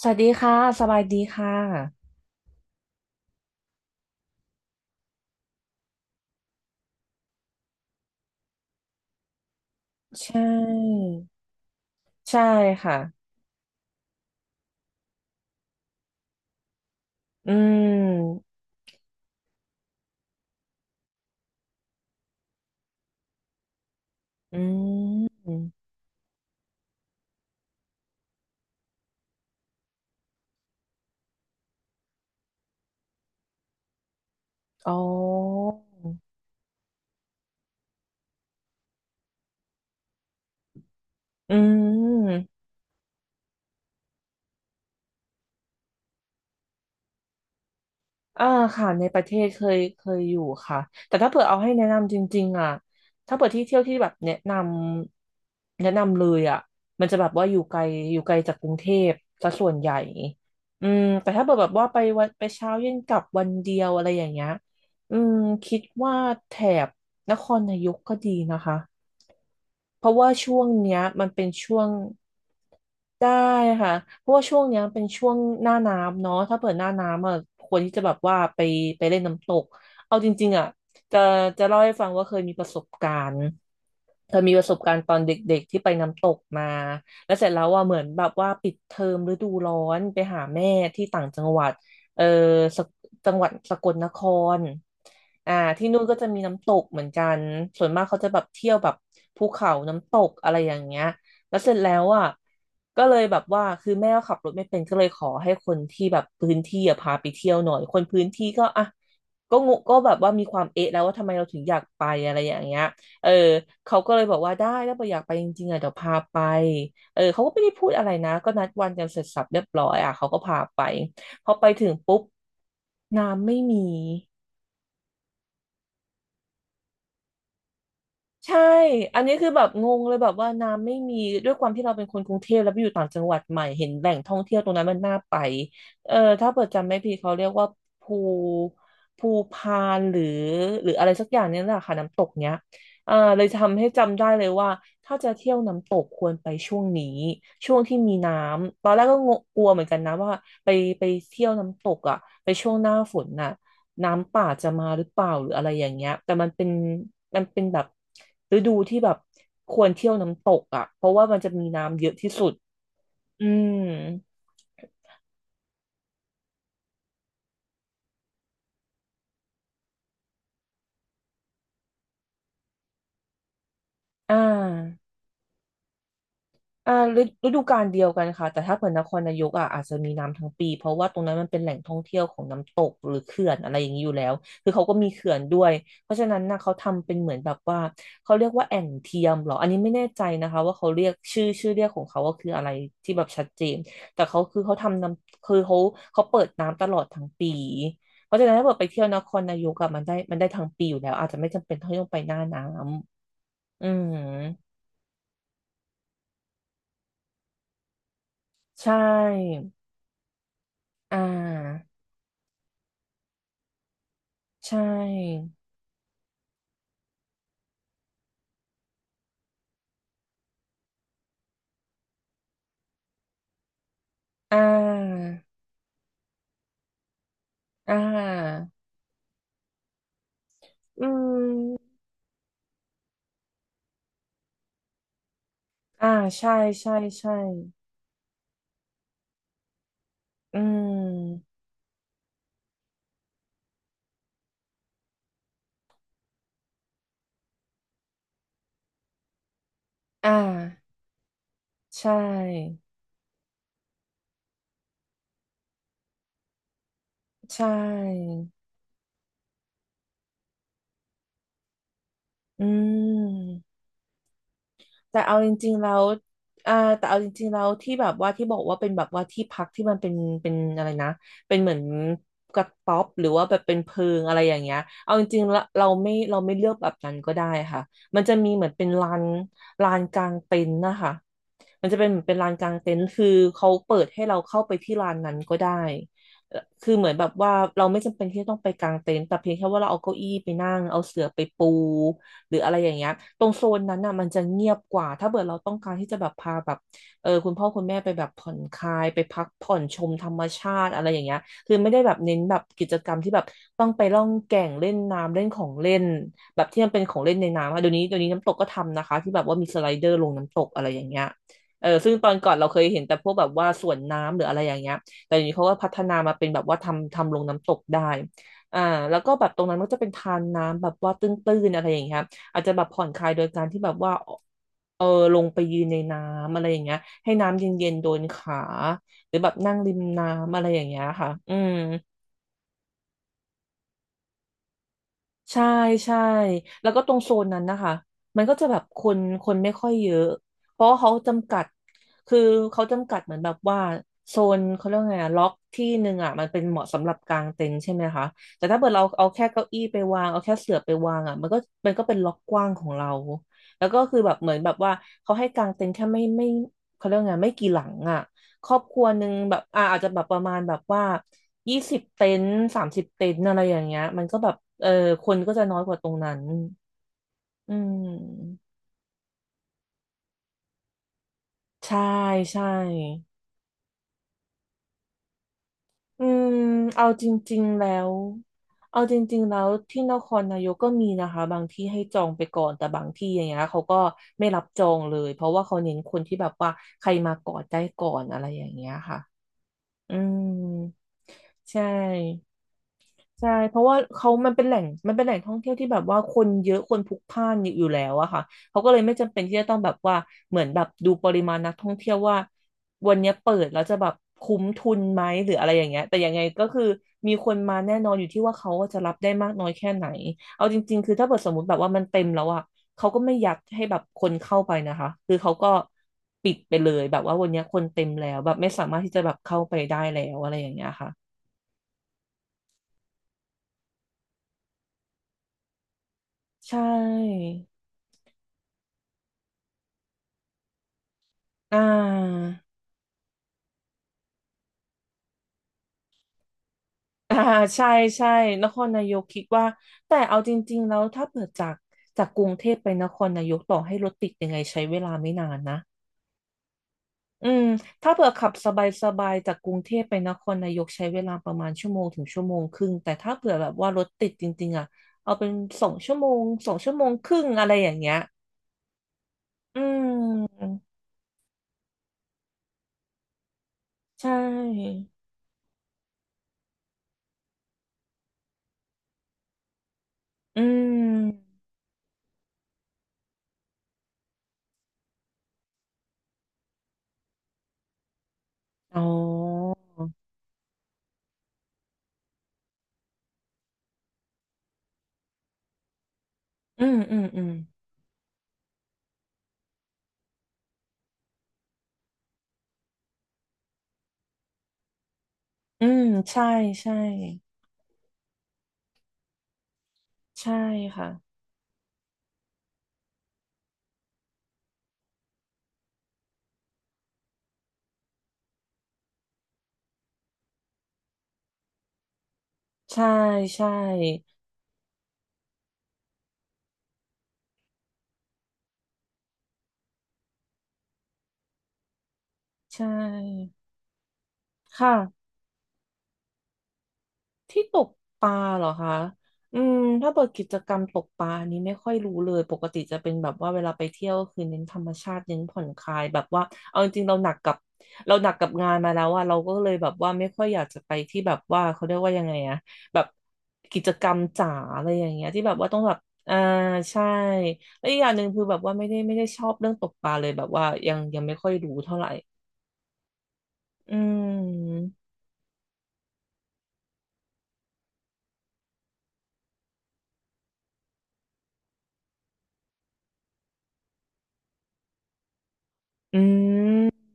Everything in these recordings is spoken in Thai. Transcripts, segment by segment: สวัสดีค่ะสบายดีค่ะ ใช่ ใช่ค่ะ อืมอืมอ๋ออืม อ่าค่ะในประเทศเคยอยู่ค่ะแต่ถ้าเผื่อเอาให้แนะนำจริงๆอ่ะถ้าเผื่อที่เที่ยวที่แบบแนะนำเลยอ่ะมันจะแบบว่าอยู่ไกลจากกรุงเทพซะส่วนใหญ่อืมแต่ถ้าเผื่อแบบว่าไปเช้าเย็นกลับวันเดียวอะไรอย่างเงี้ยอืมคิดว่าแถบนครนายกก็ดีนะคะ เพราะว่าช่วงเนี้ยมันเป็นช่วงได้ค่ะเพราะว่าช่วงเนี้ยเป็นช่วงหน้าน้ำเนาะถ้าเปิดหน้าน้ำอ่ะควรที่จะแบบว่าไปเล่นน้ำตกเอาจริงๆอ่ะจะจะเล่าให้ฟังว่าเคยมีประสบการณ์ เธอมีประสบการณ์ตอนเด็กๆที่ไปน้ำตกมาแล้วเสร็จแล้วว่าเหมือนแบบว่าปิดเทอมฤดูร้อนไปหาแม่ที่ต่างจังหวัดเออสกจังหวัดสกลนครที่นู่นก็จะมีน้ำตกเหมือนกันส่วนมากเขาจะแบบเที่ยวแบบภูเขาน้ำตกอะไรอย่างเงี้ยแล้วเสร็จแล้วอ่ะก็เลยแบบว่าคือแม่ก็ขับรถไม่เป็นก็เลยขอให้คนที่แบบพื้นที่อ่ะพาไปเที่ยวหน่อยคนพื้นที่ก็อ่ะก็งงก็แบบว่ามีความเอะแล้วว่าทำไมเราถึงอยากไปอะไรอย่างเงี้ย เออเขาก็เลยบอกว่าได้ถ้าเกิดอยากไปจริงๆอ่ะเดี๋ยวพาไปเออเขาก็ไม่ได้พูดอะไรนะก็นัดวันกันเสร็จสรรพเรียบร้อยอ่ะเขาก็พาไปพอไปถึงปุ๊บน้ำไม่มี ใช่ อันนี้คือแบบงงเลยแบบว่าน้ำไม่มีด้วยความที่เราเป็นคนกรุงเทพแล้วไปอยู่ต่างจังหวัดใหม่เห็นแหล่งท่องเที่ยวตรงนั้นมันน่าไปเออถ้าเปิดจำไม่ผิดเขาเรียกว่าภูภูพานหรืออะไรสักอย่างเนี้แหละค่ะน้ำตกเนี้ยเออเลยทำให้จำได้เลยว่าถ้าจะเที่ยวน้ำตกควรไปช่วงนี้ช่วงที่มีน้ำตอนแรกก็งงกลัวเหมือนกันนะว่าไปไปเที่ยวน้ำตกอ่ะไปช่วงหน้าฝนน่ะ น้ำป่าจะมาหรือเปล่าหรืออะไรอย่างเงี้ยแต่มันเป็นแบบฤดูที่แบบควรเที่ยวน้ำตกอ่ะเพราะว่ามันจะมีน้ำเยอะที่สุดอืมอ่า อ่าฤฤดูกาลเดียวกันค่ะแต่ถ้าเกิดนครนายกอ่ะอาจจะมีน้ำทั้งปีเพราะว่าตรงนั้นมันเป็นแหล่งท่องเที่ยวของน้ำตกหรือเขื่อนอะไรอย่างนี้อยู่แล้วคือเขาก็มีเขื่อนด้วยเพราะฉะนั้นนะเขาทำเป็นเหมือนแบบว่าเขาเรียกว่าแอ่งเทียมเหรออันนี้ไม่แน่ใจนะคะว่าเขาเรียกชื่อเรียกของเขาว่าคืออะไรที่แบบชัดเจนแต่เขาคือเขาทำน้ำคือเขาเขาเปิดน้ำตลอดทั้งปีเพราะฉะนั้นถ้าเกิดไปเที่ยวนครนายกอะมันได้ทั้งปีอยู่แล้วอาจจะไม่จำเป็นต้องไปหน้าน้ำอืมใช่อ่า ใช่อ่าอ่าอืมอ่าใช่ใช่ใช่อืมอ่าใช่ใช่อืม แต่เอาจริงๆแล้วอ่าแต่เอาจริงๆแล้วที่แบบว่าที่บอกว่าเป็นแบบว่าที่พักมันเป็นเป็นอะไรนะเป็นเหมือนกระต๊อบหรือว่าแบบเป็นเพิงอะไรอย่างเงี้ยเอาจริงๆแล้วเราไม่เลือกแบบนั้นก็ได้ค่ะมันจะมีเหมือนเป็นลานกลางเต็นท์นะคะมันจะเป็นเหมือนเป็นลานกลางเต็นท์คือเขาเปิดให้เราเข้าไปที่ลานนั้นก็ได้คือเหมือนแบบว่าเราไม่จำเป็นที่จะต้องไปกางเต็นท์แต่เพียงแค่ว่าเราเอาเก้าอี้ไปนั่งเอาเสื่อไปปู หรืออะไรอย่างเงี้ยตรงโซนนั้นน่ะมันจะเงียบกว่าถ้าเกิดเราต้องการที่จะแบบพาแบบเออคุณพ่อคุณแม่ไปแบบผ่อนคลายไปพักผ่อนชมธรรมชาติอะไรอย่างเงี้ยคือไม่ได้แบบเน้นแบบกิจกรรมที่แบบต้องไปล่องแก่งเล่นน้ำเล่นของเล่นแบบที่มันเป็นของเล่นในน้ำค่ะเดี๋ยวนี้น้ำตกก็ทำนะคะที่แบบว่ามีสไลเดอร์ลงน้ำตกอะไรอย่างเงี้ยเออซึ่งตอนก่อนเราเคยเห็นแต่พวกแบบว่าสวนน้ำหรืออะไรอย่างเงี้ยแต่เดี๋ยวนี้เขาก็พัฒนามาเป็นแบบว่าทำลงน้ำตกได้อ่าแล้วก็แบบตรงนั้นมันก็จะเป็นทานน้ำแบบว่าตื้นๆอะไรอย่างเงี้ย อาจจะแบบผ่อนคลายโดยการที่แบบว่าเออลงไปยืนในน้ำอะไรอย่างเงี้ยให้น้ำเย็นๆโดนขาหรือแบบนั่งริมน้ำอะไรอย่างเงี้ยค่ะอืม ใช่ใช่แล้วก็ตรงโซนนั้นนะคะมันก็จะแบบคนไม่ค่อยเยอะเพราะว่าเขาจำกัดคือเขาจำกัดเหมือนแบบว่าโซนเขาเรียกว่าไงอะล็อกที่หนึ่งอ่ะมันเป็นเหมาะสำหรับกางเต็นท์ใช่ไหมคะแต่ถ้าเกิดเราเอาแค่เก้าอี้ไปวางเอาแค่เสื่อไปวางอ่ะมันก็เป็นล็อกกว้างของเราแล้วก็คือแบบเหมือนแบบว่าเขาให้กางเต็นท์แค่ไม่ไม่เขาเรียกว่าไงไม่กี่หลังอ่ะ ครอบครัวหนึ่งแบบอาจจะแบบประมาณแบบว่า20 เต็นท์30 เต็นท์อะไรอย่างเงี้ยมันก็แบบคนก็จะน้อยกว่าตรงนั้นอืมใช่ใช่อืมเอาจริงๆแล้วเอาจริงๆแล้วที่นครนายกก็มีนะคะบางที่ให้จองไปก่อนแต่บางที่อย่างเงี้ยเขาก็ไม่รับจองเลยเพราะว่าเขาเน้นคนที่แบบว่าใครมาก่อนได้ก่อนอะไรอย่างเงี้ยค่ะอืมใช่ ใช่เพราะว่าเขามันเป็นแหล่งมันเป็นแหล่งท่องเที่ยวที่แบบว่าคนเยอะคนพลุกพล่านอยู่แล้วอะค่ะเขาก็เลยไม่จำเป็นที่จะต้องแบบว่าเหมือนแบบดูปริมาณนักท่องเที่ยวว่าวันเนี้ยเปิดแล้วจะแบบคุ้มทุนไหมหรืออะไรอย่างเงี้ยแต่ยังไงก็คือมีคนมาแน่นอนอยู่ที่ว่าเขาจะรับได้มากน้อยแค่ไหนเอาจริงๆคือถ้าเปิดสมมติแบบว่ามันเต็มแล้วอะเขาก็ไม่ยัดให้แบบคนเข้าไปนะคะคือเขาก็ปิดไปเลยแบบว่าวันเนี้ยคนเต็มแล้วแบบไม่สามารถที่จะแบบเข้าไปได้แล้วอะไรอย่างเงี้ยค่ะใช่ อ่า อ่าใช่ใช่นครนายกคิดว่าแต่เอาจริงๆแล้วถ้าเปิดจากกรุงเทพไปนครนายกต่อให้รถติดยังไงใช้เวลาไม่นานนะอืมถ้าเปิดขับสบายๆจากกรุงเทพไปนครนายกใช้เวลาประมาณชั่วโมงถึงชั่วโมงครึ่งแต่ถ้าเผื่อแบบว่ารถติดจริงๆอ่ะเอาเป็นสองชั่วโมง2 ชั่วโมงครึ่งอะไรอย่างเงี้ยอืมใช่อืมอ๋ออืมอืมอืมอืมใช่ใช่ ใช่ค่ะใช่ใช่ใช่ค่ะที่ตกปลาเหรอคะอืมถ้าเปิดกิจกรรมตกปลาอันนี้ไม่ค่อยรู้เลยปกติจะเป็นแบบว่าเวลาไปเที่ยวก็คือเน้นธรรมชาติเน้นผ่อนคลายแบบว่าเอาจริงๆเราหนักกับงานมาแล้วอะเราก็เลยแบบว่าไม่ค่อยอยากจะไปที่แบบว่าเขาเรียกว่ายังไงอะแบบกิจกรรมจ๋าอะไรอย่างเงี้ยที่แบบว่าต้องแบบอ่าใช่แล้วอีกอย่างหนึ่งคือแบบว่าไม่ได้ชอบเรื่องตกปลาเลยแบบว่ายังไม่ค่อยรู้เท่าไหร่ อืมอืม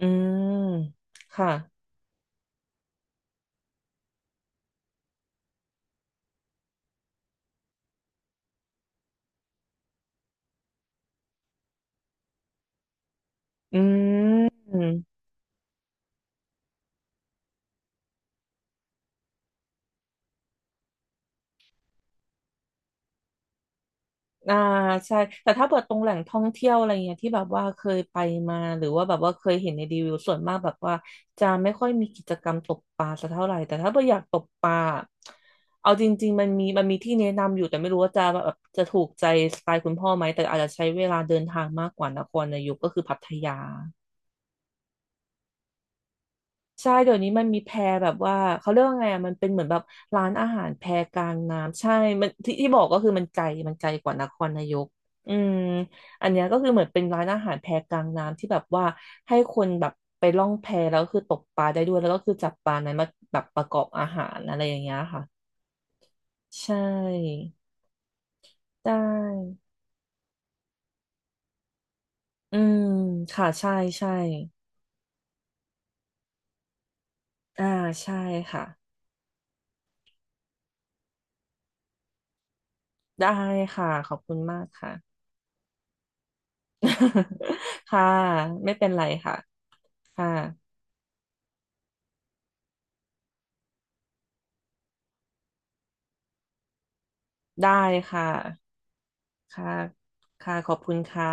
อืมค่ะ อืมอ่าใช่ แต่ถ้าเปิดตรงแหล่งท่องเที่ยวอะไรเงี้ยที่แบบว่าเคยไปมาหรือว่าแบบว่าเคยเห็นในรีวิวส่วนมากแบบว่าจะไม่ค่อยมีกิจกรรมตกปลาสักเท่าไหร่แต่ถ้าเปิดอยากตกปลาเอาจริงๆมันมีที่แนะนำอยู่แต่ไม่รู้ว่าจะแบบจะถูกใจสไตล์คุณพ่อไหมแต่อาจจะใช้เวลาเดินทางมากกว่านครนายกก็คือพัทยา ใช่เดี๋ยวนี้มันมีแพแบบว่าเขาเรียกว่าไงอ่ะมันเป็นเหมือนแบบร้านอาหารแพกลางน้ำใช่มันที่ที่บอกก็คือมันไกลกว่านครนายกอืมอันเนี้ยก็คือเหมือนเป็นร้านอาหารแพกลางน้ำที่แบบว่าให้คนแบบไปล่องแพแล้วก็คือตกปลาได้ด้วยแล้วก็คือจับปลานั้นมาแบบประกอบอาหารอะไรอย่างเงี้ยค่ะใช่ได้อืมค่ะใช่ใช่อ่าใช่ค่ะได้ค่ะขอบคุณมากค่ะ ค่ะไม่เป็นไรค่ะ ค่ะได้ค่ะค่ะค่ะขอบคุณค่ะ